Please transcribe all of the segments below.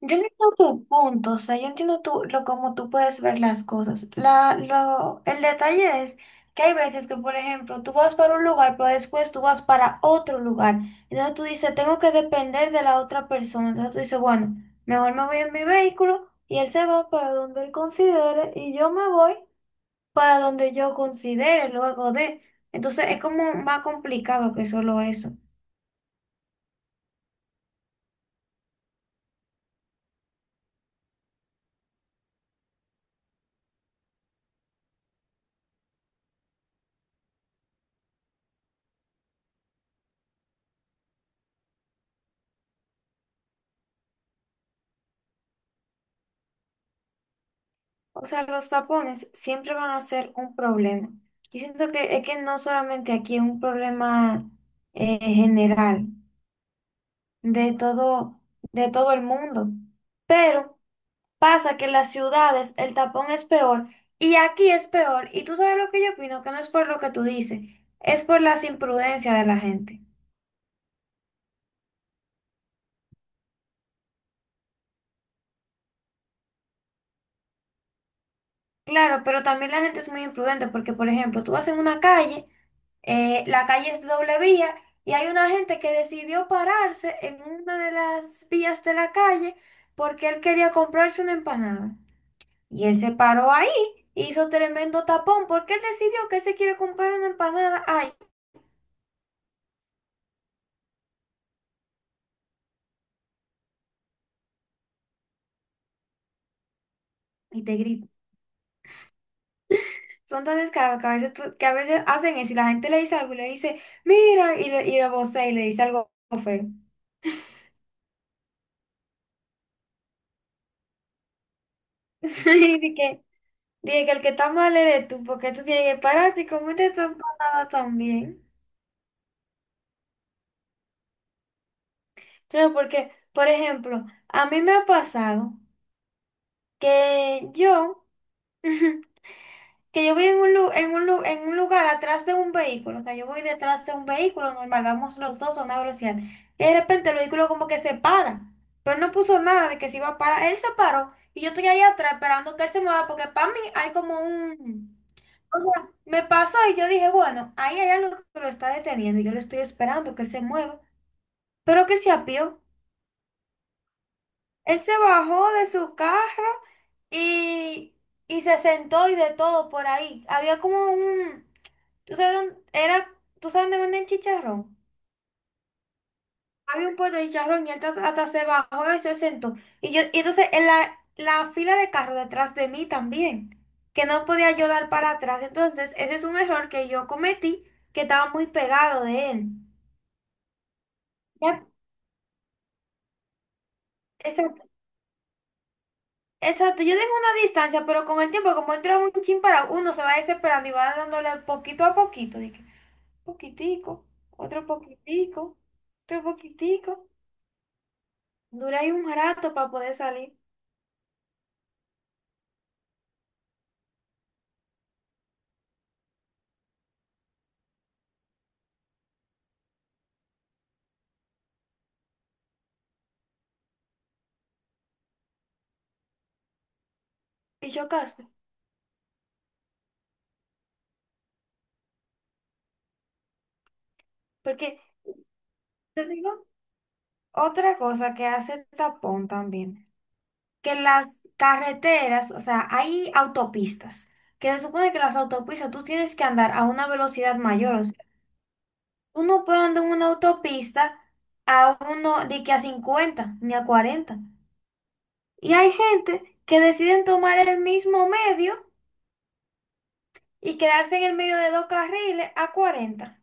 Yo no entiendo tu punto, o sea, yo entiendo tú, lo cómo tú puedes ver las cosas. El detalle es que hay veces que, por ejemplo, tú vas para un lugar, pero después tú vas para otro lugar. Entonces tú dices, tengo que depender de la otra persona. Entonces tú dices, bueno, mejor me voy en mi vehículo y él se va para donde él considere y yo me voy para donde yo considere luego de. Entonces es como más complicado que solo eso. O sea, los tapones siempre van a ser un problema. Yo siento que es que no solamente aquí es un problema general de todo, de todo el mundo. Pero pasa que en las ciudades el tapón es peor y aquí es peor. Y tú sabes lo que yo opino, que no es por lo que tú dices, es por las imprudencias de la gente. Claro, pero también la gente es muy imprudente porque, por ejemplo, tú vas en una calle, la calle es de doble vía y hay una gente que decidió pararse en una de las vías de la calle porque él quería comprarse una empanada. Y él se paró ahí, hizo tremendo tapón porque él decidió que él se quiere comprar una empanada. Ay, y te grita. Son tan descarados que a veces, que a veces hacen eso y la gente le dice algo y le dice, mira, y le vocea y le dice algo feo. Sí, dije que el que está mal eres tú, porque tú tienes que pararte y comerte tu empanada también. Claro, porque, por ejemplo, a mí me ha pasado que yo, que yo voy en un, en un lugar atrás de un vehículo, o sea, yo voy detrás de un vehículo normal, vamos los dos a una velocidad, y de repente el vehículo como que se para, pero no puso nada de que se iba a parar, él se paró, y yo estoy ahí atrás esperando que él se mueva, porque para mí hay como un... O sea, me pasó y yo dije, bueno, ahí hay algo que lo está deteniendo y yo lo estoy esperando que él se mueva, pero que él se apió. Él se bajó de su carro y, y se sentó y de todo por ahí. Había como un, ¿tú sabes dónde, era, ¿tú sabes dónde venden chicharrón? Había un puesto de chicharrón y él hasta, hasta se bajó y se sentó. Y yo, y entonces en la fila de carro detrás de mí también, que no podía yo dar para atrás. Entonces, ese es un error que yo cometí, que estaba muy pegado de él. Ya, exacto, exacto. Yo dejo una distancia, pero con el tiempo, como entra un chin para uno, se va desesperando y va dándole poquito a poquito. De que, poquitico, otro poquitico, otro poquitico. Dura ahí un rato para poder salir y chocarse. Porque te digo otra cosa que hace tapón también, que las carreteras, o sea, hay autopistas, que se supone que las autopistas tú tienes que andar a una velocidad mayor. Uno puede andar en una autopista a uno de que a 50 ni a 40. Y hay gente que deciden tomar el mismo medio y quedarse en el medio de dos carriles a 40.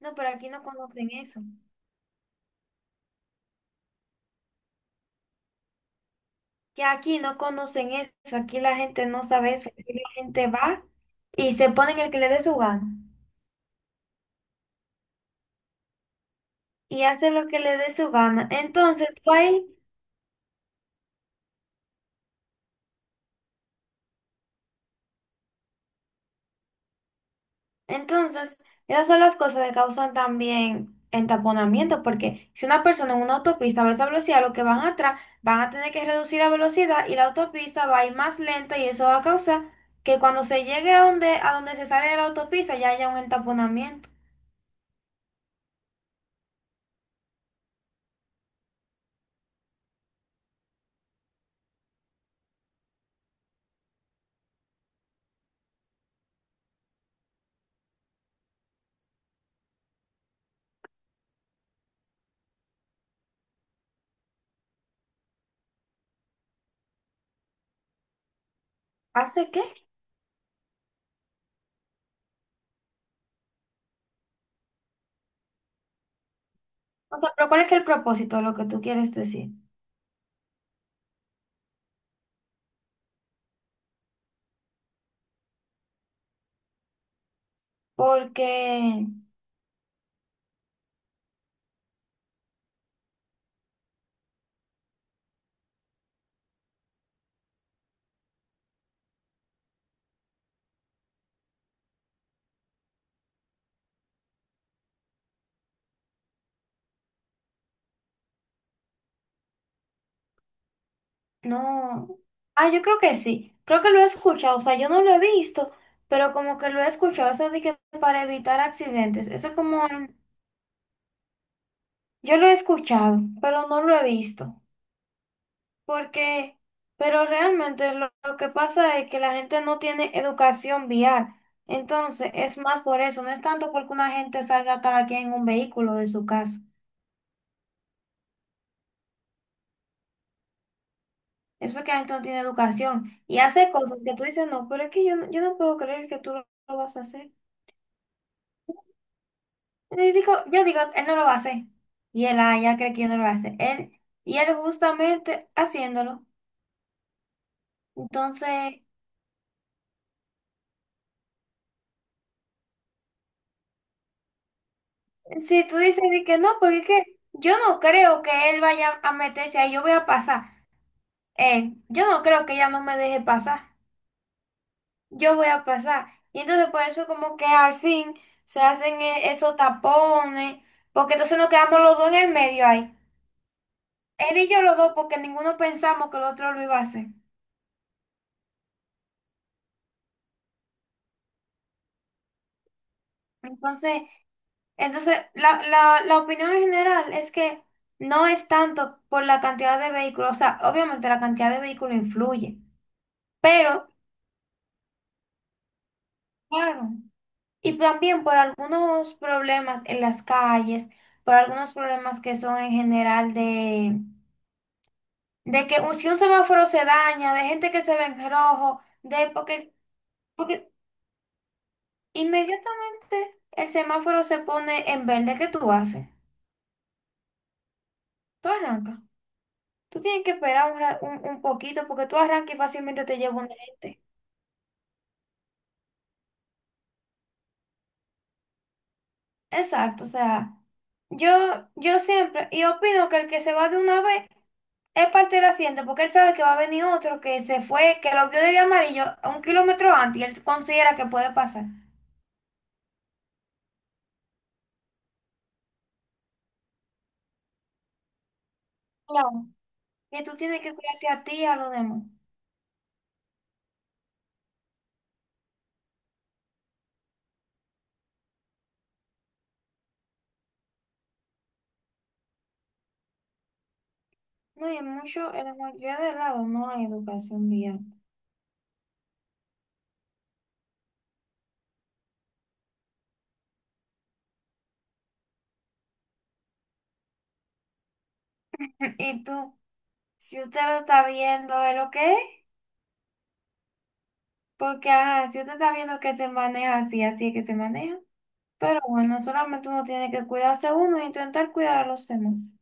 No, pero aquí no conocen eso. Que aquí no conocen eso. Aquí la gente no sabe eso. Aquí la gente va y se pone en el que le dé su gana. Y hace lo que le dé su gana. Entonces, tú ahí, entonces, esas son las cosas que causan también entaponamiento, porque si una persona en una autopista va a esa velocidad, los que van atrás van a tener que reducir la velocidad y la autopista va a ir más lenta y eso va a causar que cuando se llegue a donde se sale de la autopista ya haya un entaponamiento. ¿Hace qué? O sea, pero ¿cuál es el propósito de lo que tú quieres decir? Porque no. Ah, yo creo que sí. Creo que lo he escuchado. O sea, yo no lo he visto, pero como que lo he escuchado. Eso de que para evitar accidentes. Eso como yo lo he escuchado, pero no lo he visto. Porque, pero realmente lo que pasa es que la gente no tiene educación vial. Entonces, es más por eso. No es tanto porque una gente salga cada quien en un vehículo de su casa. Es porque la gente no tiene educación y hace cosas que tú dices, no, pero es que yo, yo no puedo creer que tú lo vas a hacer. Yo digo, él no lo va a hacer. Y él, ah, ya cree que yo no lo voy a hacer. Él, y él justamente haciéndolo. Entonces, si tú dices de que no, porque es que yo no creo que él vaya a meterse ahí, yo voy a pasar. Yo no creo que ella no me deje pasar. Yo voy a pasar. Y entonces por eso como que al fin se hacen esos tapones, porque entonces nos quedamos los dos en el medio ahí. Él y yo los dos, porque ninguno pensamos que el otro lo iba a hacer. Entonces... entonces, la opinión en general es que no es tanto por la cantidad de vehículos, o sea, obviamente la cantidad de vehículos influye, pero claro, y también por algunos problemas en las calles, por algunos problemas que son en general de que si un semáforo se daña, de gente que se ve en rojo, de porque, porque inmediatamente el semáforo se pone en verde, ¿qué tú haces? Tú arrancas. Tú tienes que esperar un, un poquito porque tú arrancas y fácilmente te lleva un gente. Exacto, o sea, yo siempre, y opino que el que se va de una vez es parte del accidente porque él sabe que va a venir otro que se fue, que lo vio de amarillo a 1 kilómetro antes y él considera que puede pasar. Claro. Y tú tienes que cuidarte a ti y a los demás. No, y mucho, en la mayoría de lados no hay educación vial. Y tú, si usted lo está viendo, ¿es lo que es? Porque, ajá, si usted está viendo que se maneja así, así es que se maneja. Pero bueno, solamente uno tiene que cuidarse uno e intentar cuidar a los demás.